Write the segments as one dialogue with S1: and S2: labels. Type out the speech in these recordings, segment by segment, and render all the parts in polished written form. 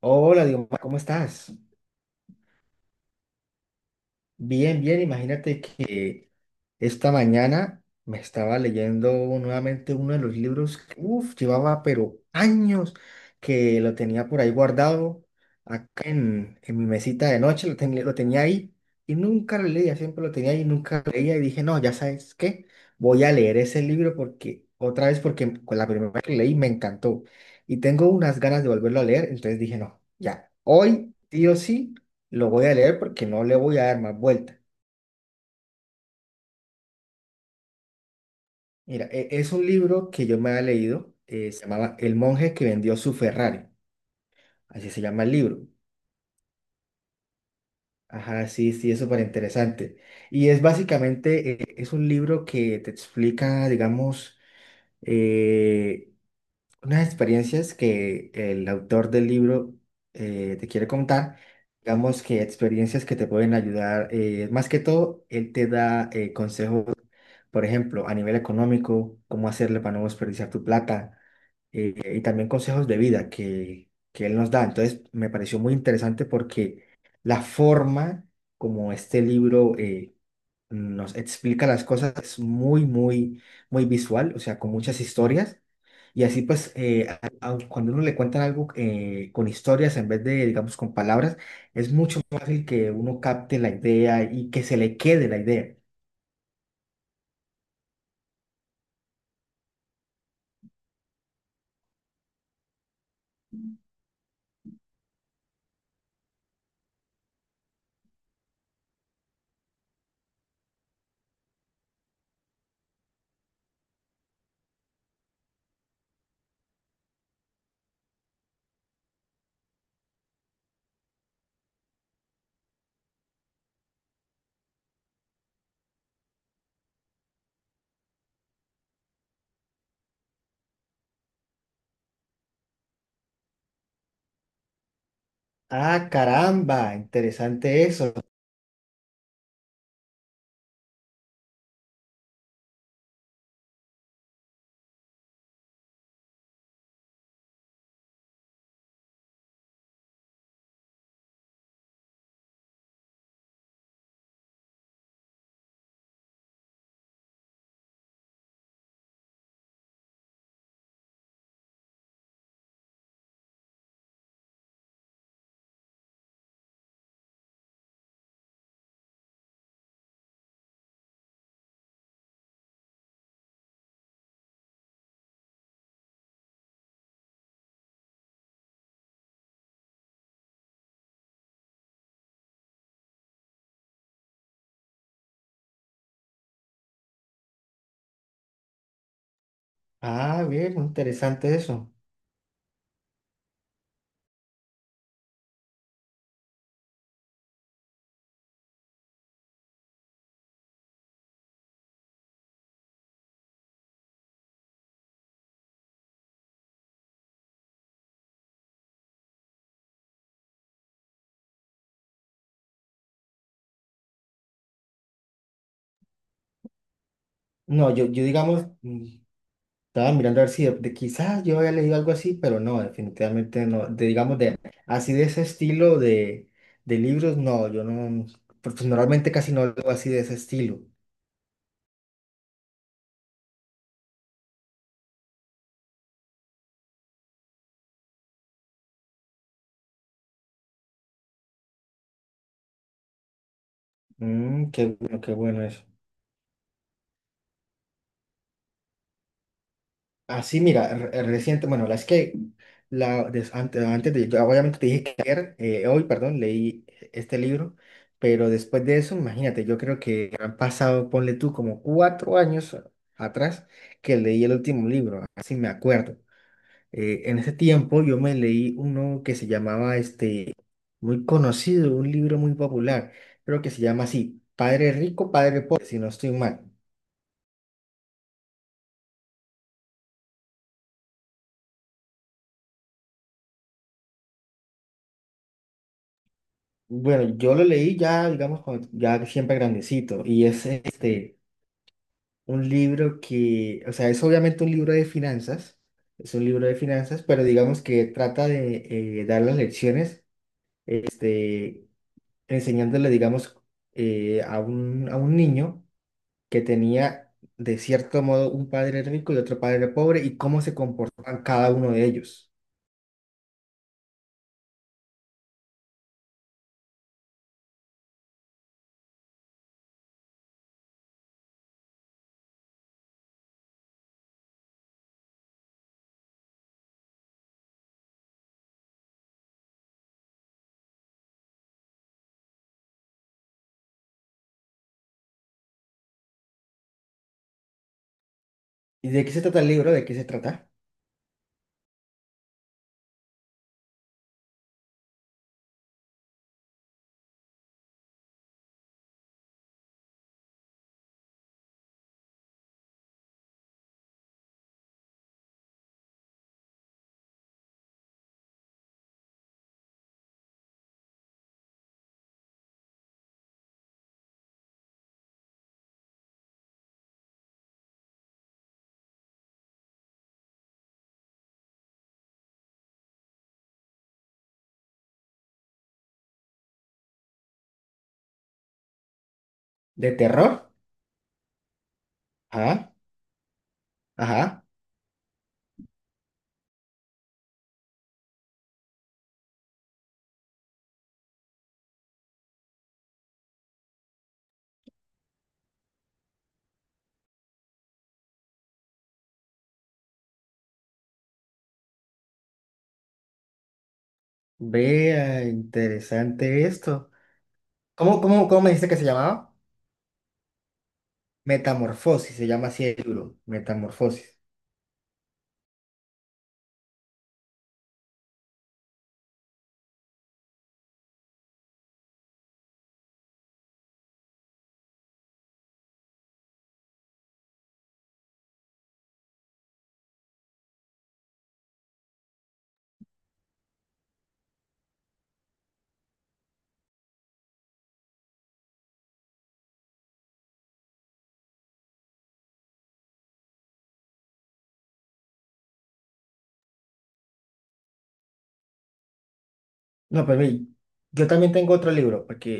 S1: Hola, digo, "Ma, ¿cómo estás?" Bien, bien, imagínate que esta mañana me estaba leyendo nuevamente uno de los libros que, uf, llevaba pero años que lo tenía por ahí guardado, acá en mi mesita de noche, lo tenía ahí y nunca lo leía, siempre lo tenía ahí y nunca lo leía y dije, no, ya sabes qué, voy a leer ese libro porque con la primera vez que lo leí me encantó y tengo unas ganas de volverlo a leer, entonces dije, no, ya, hoy, sí o sí. Lo voy a leer porque no le voy a dar más vuelta. Mira, es un libro que yo me había leído, se llamaba El monje que vendió su Ferrari, así se llama el libro. Ajá, sí, sí, es súper interesante. Y es básicamente, es un libro que te explica, digamos, eh, unas experiencias que el autor del libro te quiere contar, digamos que experiencias que te pueden ayudar, más que todo, él te da consejos por ejemplo, a nivel económico, cómo hacerle para no desperdiciar tu plata, y también consejos de vida que él nos da. Entonces, me pareció muy interesante porque la forma como este libro nos explica las cosas es muy, muy, muy visual, o sea, con muchas historias. Y así pues, aun cuando uno le cuentan algo con historias en vez de, digamos, con palabras, es mucho más fácil que uno capte la idea y que se le quede la idea. Ah, caramba, interesante eso. Ah, bien, interesante eso. No, yo digamos, estaba mirando a ver si de quizás yo había leído algo así, pero no, definitivamente no. De, digamos, de así de ese estilo de libros, no, yo no, pues, normalmente casi no leo así de ese estilo. Mm, qué bueno eso. Así, mira, reciente, bueno, la es que la, des- ante- antes, de, yo obviamente te dije que ayer, hoy, perdón, leí este libro, pero después de eso, imagínate, yo creo que han pasado, ponle tú, como 4 años atrás que leí el último libro, así me acuerdo. En ese tiempo yo me leí uno que se llamaba, este, muy conocido, un libro muy popular, creo que se llama así, Padre Rico, Padre Pobre, si no estoy mal. Bueno, yo lo leí ya, digamos, ya siempre grandecito, y es este, un libro que, o sea, es obviamente un libro de finanzas, es un libro de finanzas, pero digamos que trata de dar las lecciones, este, enseñándole, digamos, a un niño que tenía, de cierto modo, un padre rico y otro padre pobre, y cómo se comportaban cada uno de ellos. ¿Y de qué se trata el libro? ¿De qué se trata? ¿De terror? Ajá, ajá. Vea, interesante esto. ¿Cómo, cómo, cómo me dice que se llamaba? Metamorfosis, se llama así el libro, Metamorfosis. No, pero ve, yo también tengo otro libro, porque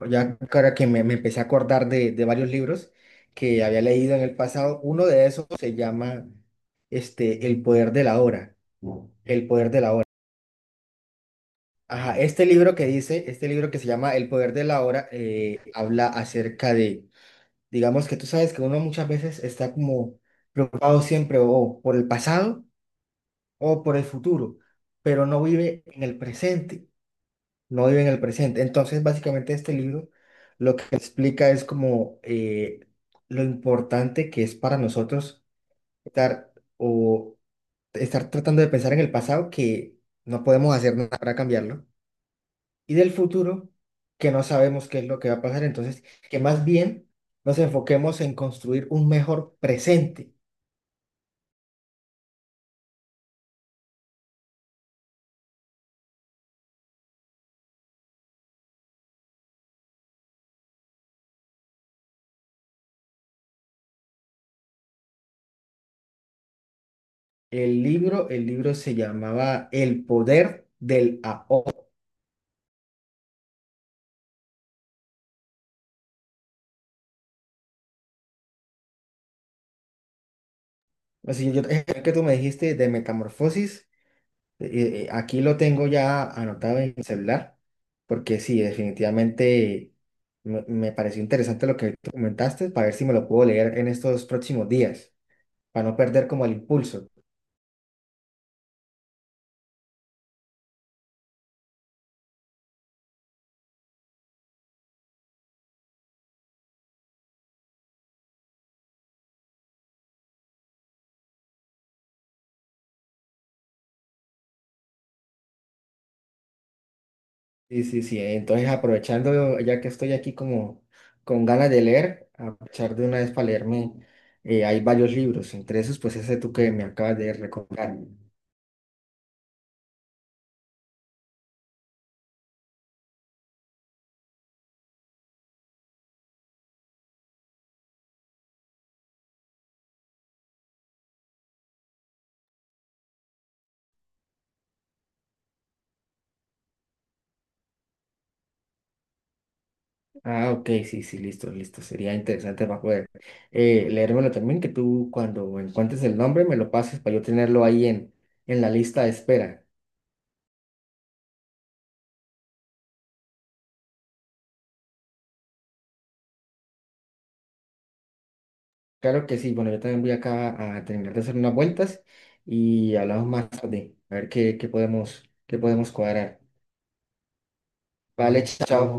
S1: ya ahora que me empecé a acordar de varios libros que había leído en el pasado, uno de esos se llama este, El poder de la hora. El poder de la hora. Ajá, este libro que dice, este libro que se llama El poder de la hora, habla acerca de. Digamos que tú sabes que uno muchas veces está como preocupado siempre o por el pasado o por el futuro, pero no vive en el presente, no vive en el presente. Entonces, básicamente este libro lo que explica es como lo importante que es para nosotros estar o estar tratando de pensar en el pasado que no podemos hacer nada para cambiarlo y del futuro, que no sabemos qué es lo que va a pasar. Entonces, que más bien nos enfoquemos en construir un mejor presente. El libro se llamaba El poder del ahora. Así yo, que tú me dijiste de metamorfosis, aquí lo tengo ya anotado en mi celular, porque sí, definitivamente me pareció interesante lo que tú comentaste, para ver si me lo puedo leer en estos próximos días, para no perder como el impulso. Sí, sí, sí. Entonces, aprovechando, ya que estoy aquí como con ganas de leer, aprovechar de una vez para leerme. Hay varios libros, entre esos, pues ese tú que me acabas de recomendar. Ah, ok, sí, sí, listo, listo. Sería interesante para poder leérmelo también, que tú cuando encuentres el nombre me lo pases para yo tenerlo ahí en, la lista de espera. Claro que sí, bueno, yo también voy acá a terminar de hacer unas vueltas y hablamos más tarde, a ver qué podemos cuadrar. Vale, chao.